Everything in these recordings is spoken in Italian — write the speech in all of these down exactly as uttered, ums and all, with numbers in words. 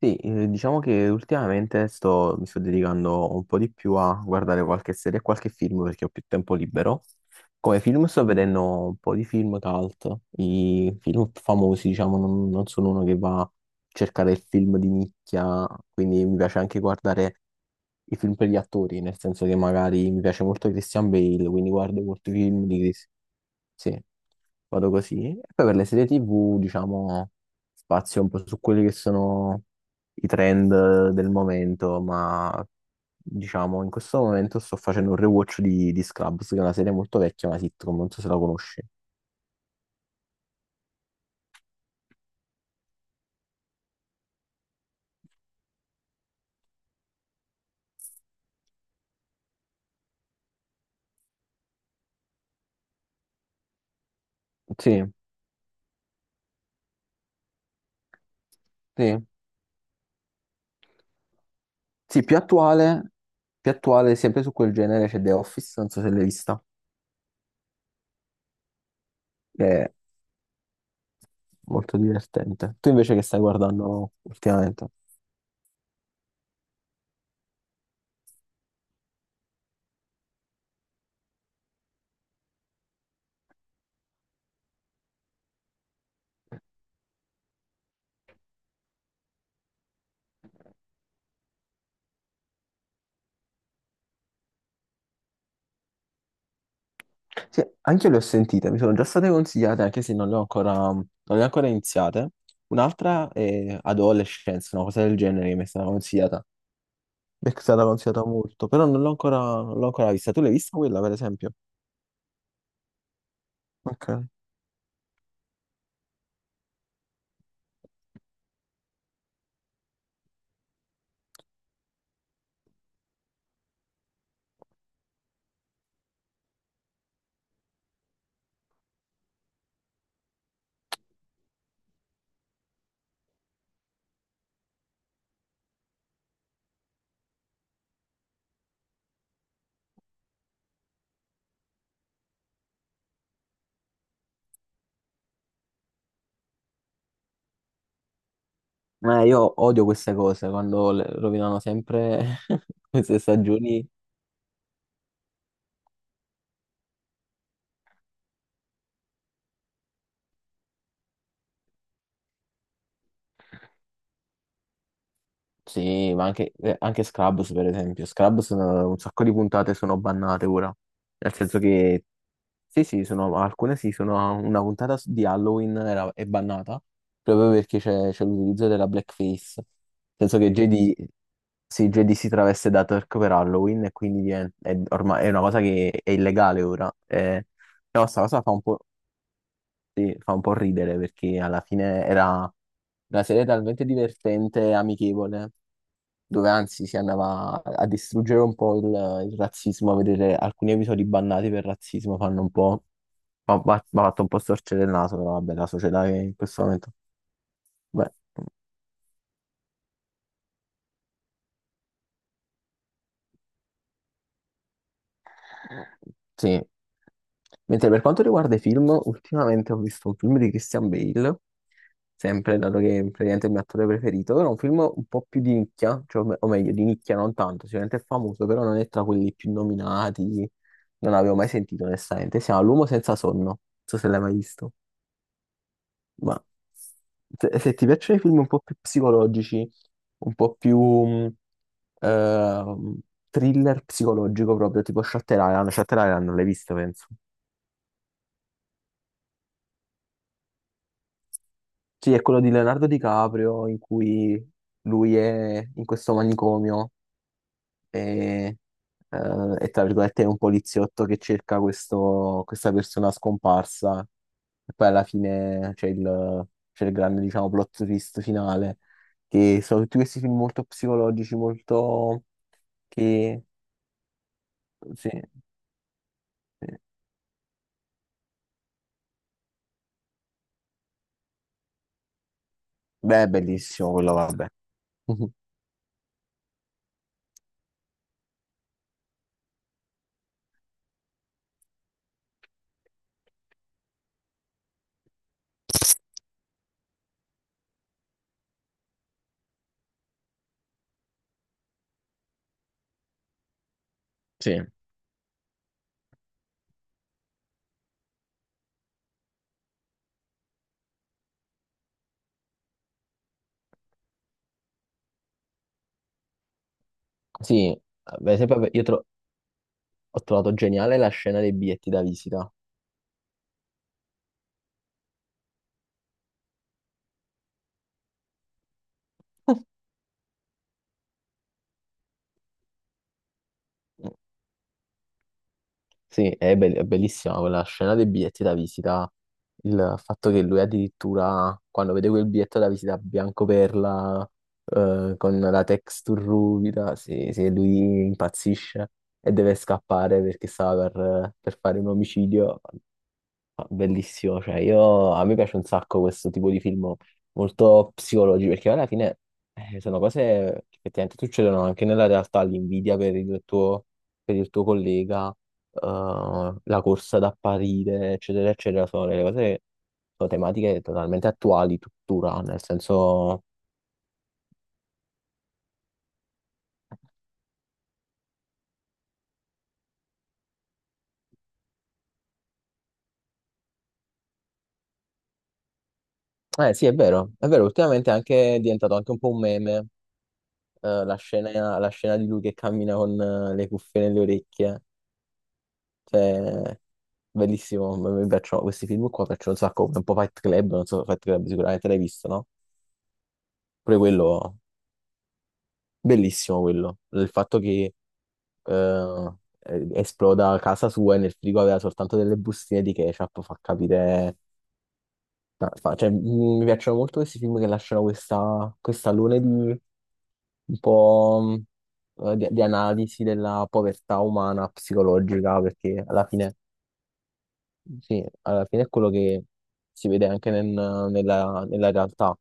Sì, eh, diciamo che ultimamente sto- mi sto dedicando un po' di più a guardare qualche serie e qualche film perché ho più tempo libero. Come film sto vedendo un po' di film cult, i film famosi, diciamo, non, non sono uno che va a cercare il film di nicchia, quindi mi piace anche guardare i film per gli attori, nel senso che magari mi piace molto Christian Bale, quindi guardo molti film di Chris. Sì, vado così. E poi per le serie T V, diciamo, spazio un po' su quelli che sono i trend eh, del momento, ma diciamo in questo momento sto facendo un rewatch di, di Scrubs, che è una serie molto vecchia, una sitcom, non so se la conosci. Sì, sì. Sì, più attuale, più attuale, sempre su quel genere c'è The Office, non so se l'hai vista, che è molto divertente. Tu invece che stai guardando ultimamente? Sì, anche io le ho sentite, mi sono già state consigliate, anche se non le ho ancora, non le ho ancora iniziate. Un'altra è Adolescence, una cosa del genere che mi è stata consigliata. Mi è stata consigliata molto, però non l'ho ancora, non l'ho ancora vista. Tu l'hai vista quella, per esempio? Ok. Eh, io odio queste cose quando le rovinano sempre queste stagioni. Sì, ma anche, eh, anche Scrubs, per esempio. Scrubs, eh, un sacco di puntate sono bannate ora. Nel senso che sì, sì, sono, alcune sì, sono una puntata su- di Halloween era- è bannata proprio perché c'è c'è l'utilizzo della blackface. Nel senso che J D, sì, J D si traveste da Turk per Halloween e quindi diventa- è, ormai, è una cosa che è illegale ora. Eh, però sta cosa fa un po', sì, fa un po' ridere perché alla fine era una serie talmente divertente e amichevole, dove anzi si andava a distruggere un po' il, il razzismo, a vedere alcuni episodi bannati per razzismo fanno un po'. Ho bat- ho fatto un po' storcere il naso, però vabbè, la società che in questo momento... Beh, sì. Mentre per quanto riguarda i film, ultimamente ho visto un film di Christian Bale, sempre dato che praticamente è il mio attore preferito, però è un film un po' più di nicchia, cioè, o me- o meglio, di nicchia non tanto, sicuramente è famoso, però non è tra quelli più nominati, non avevo mai sentito onestamente. Si chiama L'uomo senza sonno, non so se l'hai mai visto. Ma se, se ti piacciono i film un po' più psicologici, un po' più mh, ehm, thriller psicologico proprio, tipo Shutter Island, Shutter Island non l'hai visto, penso. Sì, è quello di Leonardo DiCaprio in cui lui è in questo manicomio e, eh, è, tra virgolette, è un poliziotto che cerca questo- questa persona scomparsa. E poi alla fine c'è il, c'è il grande, diciamo, plot twist finale, che sono tutti questi film molto psicologici, molto... che... Sì, sì. Beh, è bellissimo quello, vabbè. Sì. Sì, per esempio, io tro- ho trovato geniale la scena dei biglietti da visita. Sì, è, be- è bellissima quella scena dei biglietti da visita, il fatto che lui addirittura quando vede quel biglietto da visita bianco perla, eh, con la texture ruvida, se, se lui impazzisce e deve scappare perché stava per, per fare un omicidio. Ah, bellissimo, cioè io, a me piace un sacco questo tipo di film molto psicologi perché alla fine eh, sono cose che effettivamente succedono anche nella realtà, l'invidia per il tuo, per il tuo collega, eh, la corsa ad apparire, eccetera, eccetera, sono delle cose, sono tematiche totalmente attuali tuttora, nel senso, eh sì è vero, è vero, ultimamente è anche è diventato anche un po' un meme, eh, la scena, la scena di lui che cammina con eh, le cuffie nelle orecchie, cioè bellissimo, m- mi piacciono questi film qua, piacciono un sacco, come un po' Fight Club, non so, Fight Club sicuramente l'hai visto, no? Pure quello, bellissimo quello, il fatto che eh, eh, esploda casa sua e nel frigo aveva soltanto delle bustine di ketchup, fa capire... no, fa- cioè, m- mi piacciono molto questi film che lasciano questa, questa luna di un po' mh, eh, di, di analisi della povertà umana, psicologica, perché alla fine, sì, alla fine è quello che si vede anche nel- nella nella realtà.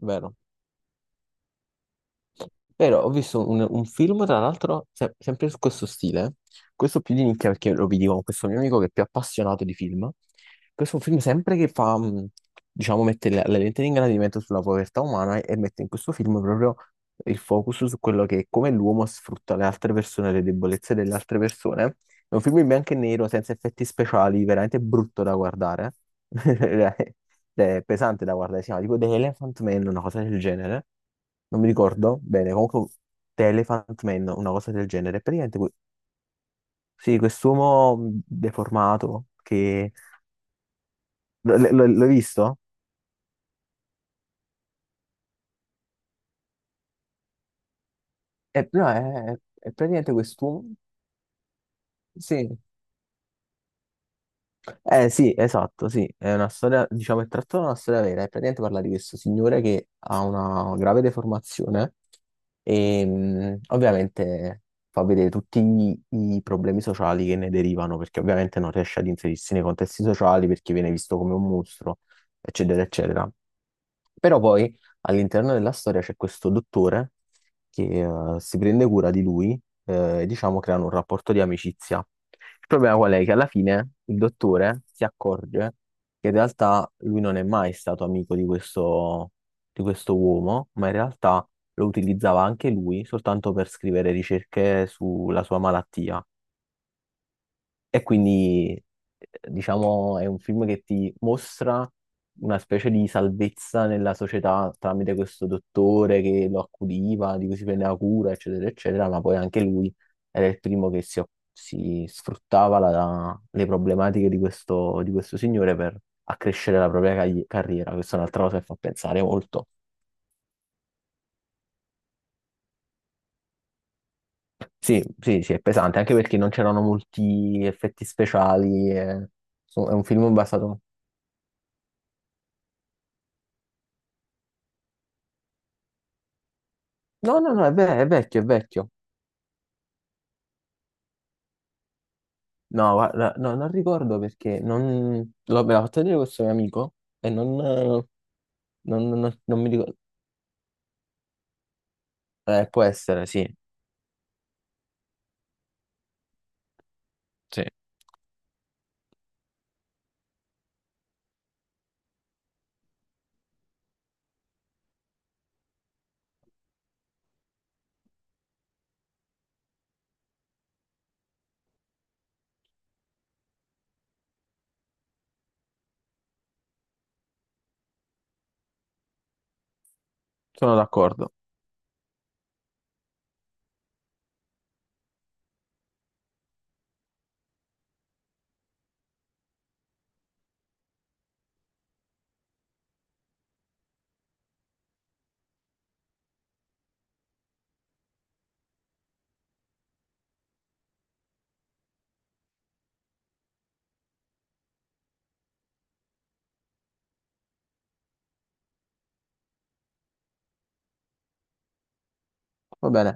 Vero. Vero, ho visto un, un film, tra l'altro, se- sempre su questo stile, questo più di nicchia perché lo vedi con questo mio amico che è più appassionato di film. Questo è un film sempre che fa, mh, diciamo, mette le, le lenti di ingrandimento sulla povertà umana e, e mette in questo film proprio il focus su quello che è come l'uomo sfrutta le altre persone, le debolezze delle altre persone. È un film in bianco e nero, senza effetti speciali, veramente brutto da guardare. Ed è pesante da guardare, si chiama tipo The Elephant Man, una cosa del genere. Non mi ricordo bene, comunque The Elephant Man, una cosa del genere. Praticamente que- sì, quest'uomo deformato che... l- l- l- L'hai visto? È, no, è, è praticamente quest'uomo... Sì. Eh sì, esatto, sì. È una storia, diciamo, è tratta da una storia vera. E praticamente parla di questo signore che ha una grave deformazione. E mh, ovviamente fa vedere tutti i, i problemi sociali che ne derivano, perché ovviamente non riesce ad inserirsi nei contesti sociali perché viene visto come un mostro, eccetera, eccetera. Però poi all'interno della storia c'è questo dottore che eh, si prende cura di lui, eh, e diciamo creano un rapporto di amicizia. Il problema qual è? Che alla fine il dottore si accorge che in realtà lui non è mai stato amico di questo, di questo uomo, ma in realtà lo utilizzava anche lui soltanto per scrivere ricerche sulla sua malattia. E quindi, eh, diciamo, è un film che ti mostra una specie di salvezza nella società tramite questo dottore che lo accudiva, di cui si prendeva cura, eccetera, eccetera, ma poi anche lui era il primo che si, oc- si sfruttava la- le problematiche di questo, di questo signore per accrescere la propria cagli- carriera. Questa è un'altra cosa che fa pensare molto. Sì, sì, sì, è pesante, anche perché non c'erano molti effetti speciali. Eh. So- È un film basato. No, no, no, è, ve- è vecchio, è vecchio. No, guarda, no, non ricordo perché non... lo- me l'ha fatto vedere questo mio amico e non, eh, non- non- non mi ricordo. Eh, può essere, sì, sì, sono d'accordo. Va bene.